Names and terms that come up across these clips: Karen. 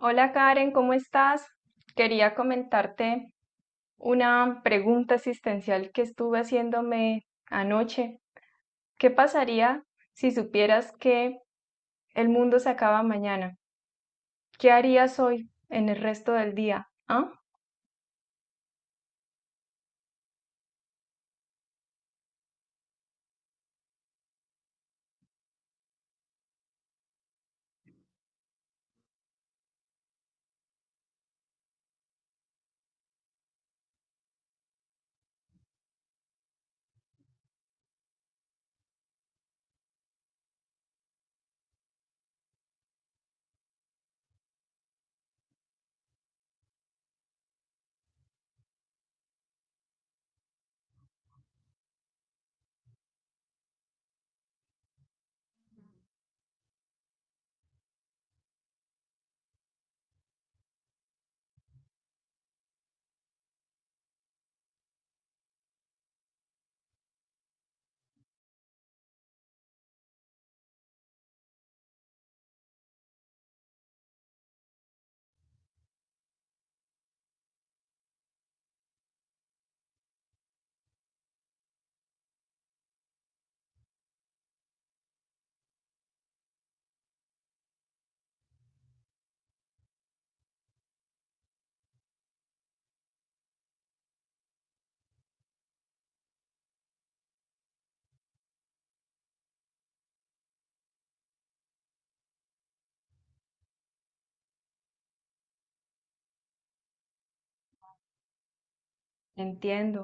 Hola Karen, ¿cómo estás? Quería comentarte una pregunta existencial que estuve haciéndome anoche. ¿Qué pasaría si supieras que el mundo se acaba mañana? ¿Qué harías hoy en el resto del día? ¿Ah? Entiendo.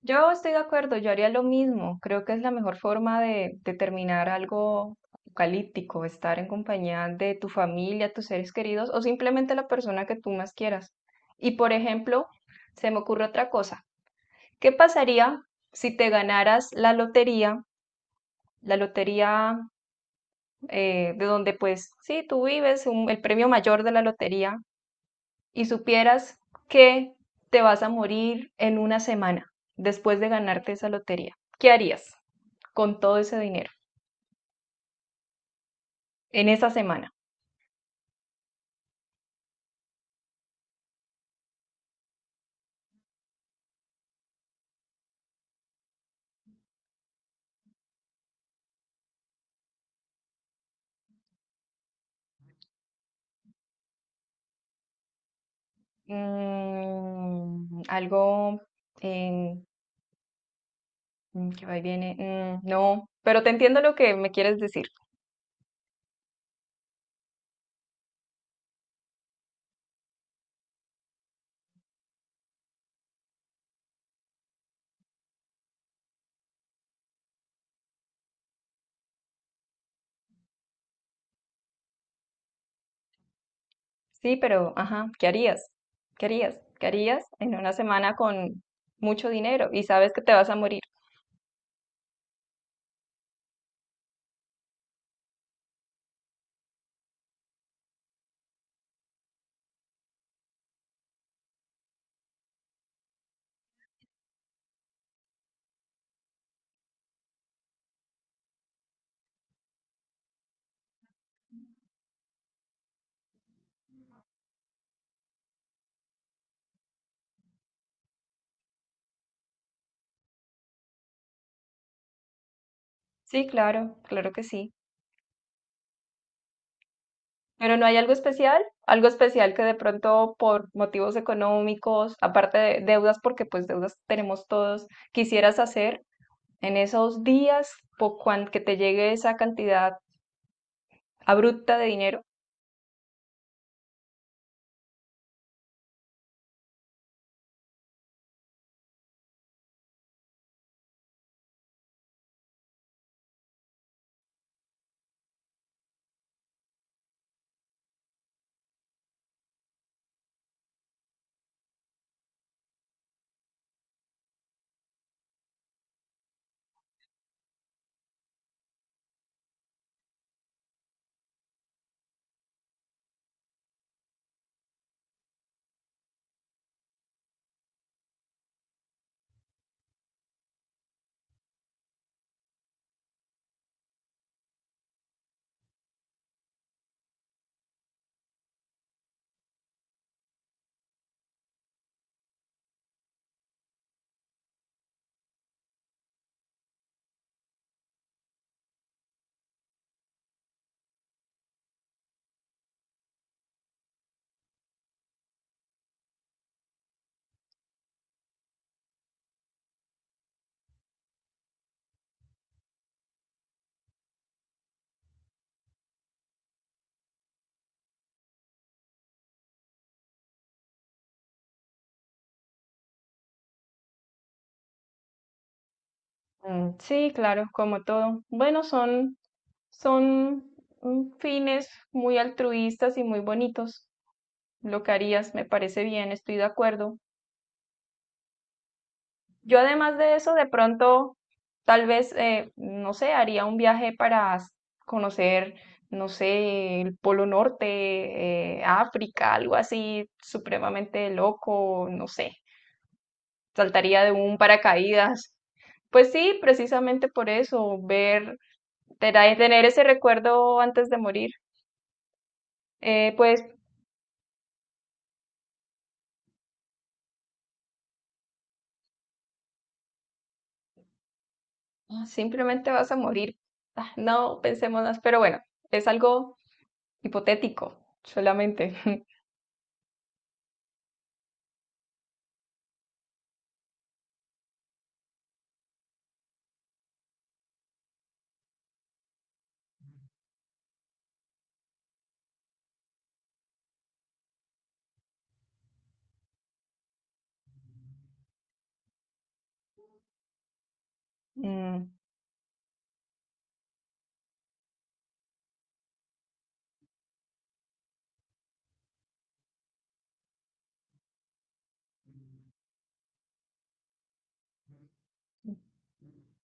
Yo estoy de acuerdo, yo haría lo mismo. Creo que es la mejor forma de terminar algo apocalíptico, estar en compañía de tu familia, tus seres queridos o simplemente la persona que tú más quieras. Y por ejemplo, se me ocurre otra cosa. ¿Qué pasaría si te ganaras la lotería de donde pues sí, tú vives, el premio mayor de la lotería, y supieras que te vas a morir en una semana después de ganarte esa lotería? ¿Qué harías con todo ese dinero en esa semana? Mm, algo eh, que va y viene. Mm, no, pero te entiendo lo que me quieres decir. Sí, pero, ajá, ¿qué harías? ¿Qué harías? ¿Qué harías en una semana con mucho dinero y sabes que te vas a morir? Sí, claro, claro que sí. Pero no hay algo especial que de pronto por motivos económicos, aparte de deudas, porque pues deudas tenemos todos, quisieras hacer en esos días por cuan que te llegue esa cantidad abrupta de dinero. Mm, sí, claro, como todo. Bueno, son, son, mm, fines muy altruistas y muy bonitos. Lo que harías, me parece bien, estoy de acuerdo. Yo además de eso, de pronto, tal vez, no sé, haría un viaje para conocer, no sé, el Polo Norte, África, algo así supremamente loco, no sé. Saltaría de un paracaídas. Pues sí, precisamente por eso, ver, tener ese recuerdo antes de morir. Pues ah, simplemente vas a morir. Ah, no pensemos más, pero bueno, es algo hipotético, solamente. Mm.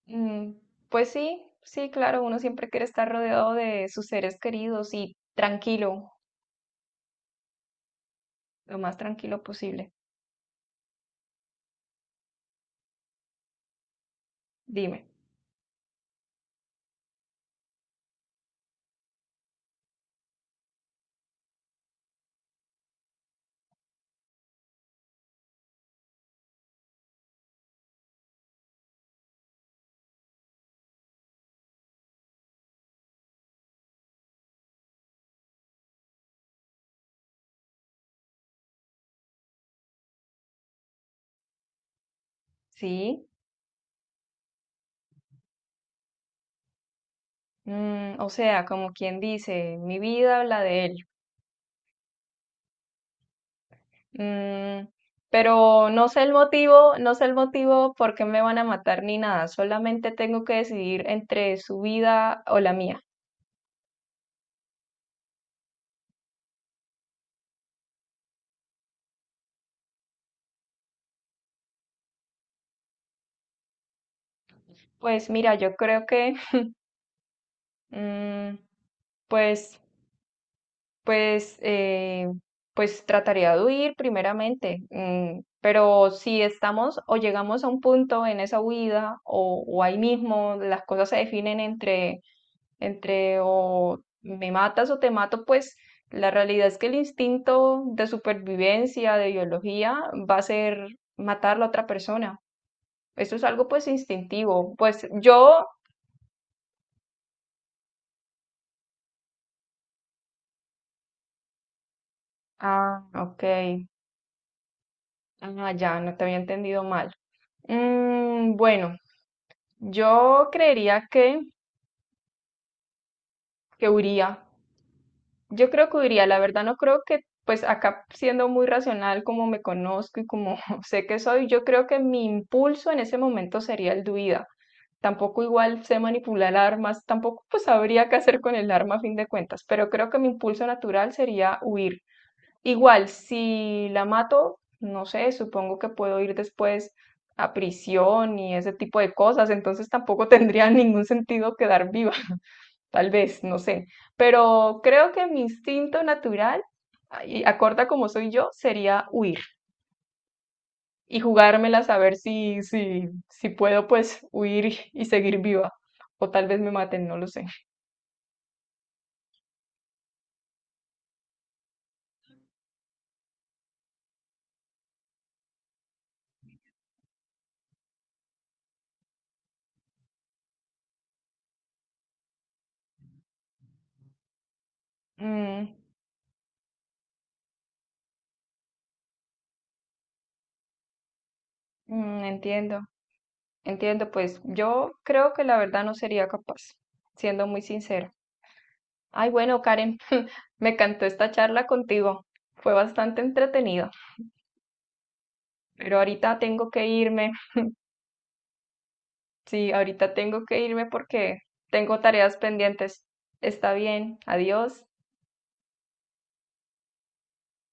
Mm, pues sí, sí, claro, uno siempre quiere estar rodeado de sus seres queridos y tranquilo, lo más tranquilo posible. Dime, sí, mm, o sea, como quien dice, mi vida, la de él. Mm, pero no sé el motivo, no sé el motivo por qué me van a matar ni nada, solamente tengo que decidir entre su vida o la mía. Pues mira, yo creo que, mm, pues Pues, pues trataría de huir primeramente, mm, pero si estamos o llegamos a un punto en esa huida o ahí mismo las cosas se definen entre, entre o me matas o te mato, pues la realidad es que el instinto de supervivencia, de biología, va a ser matar a la otra persona. Eso es algo pues instintivo. Ah, ok, ah, ya, no te había entendido mal. Mm, bueno. Yo creería que, que huiría. Yo creo que huiría. La verdad no creo que, pues acá siendo muy racional como me conozco y como sé que soy, yo creo que mi impulso en ese momento sería el de huida. Tampoco igual sé manipular armas, tampoco pues sabría qué hacer con el arma a fin de cuentas, pero creo que mi impulso natural sería huir. Igual, si la mato, no sé, supongo que puedo ir después a prisión y ese tipo de cosas, entonces tampoco tendría ningún sentido quedar viva. Tal vez, no sé. Pero creo que mi instinto natural, y acorta como soy yo, sería huir y jugármelas a ver si, si puedo pues huir y seguir viva. O tal vez me maten, no lo sé. Mm, mm, entiendo, entiendo. Pues yo creo que la verdad no sería capaz, siendo muy sincera. Ay, bueno, Karen, me encantó esta charla contigo. Fue bastante entretenida, pero ahorita tengo que irme. Sí, ahorita tengo que irme porque tengo tareas pendientes. Está bien, adiós.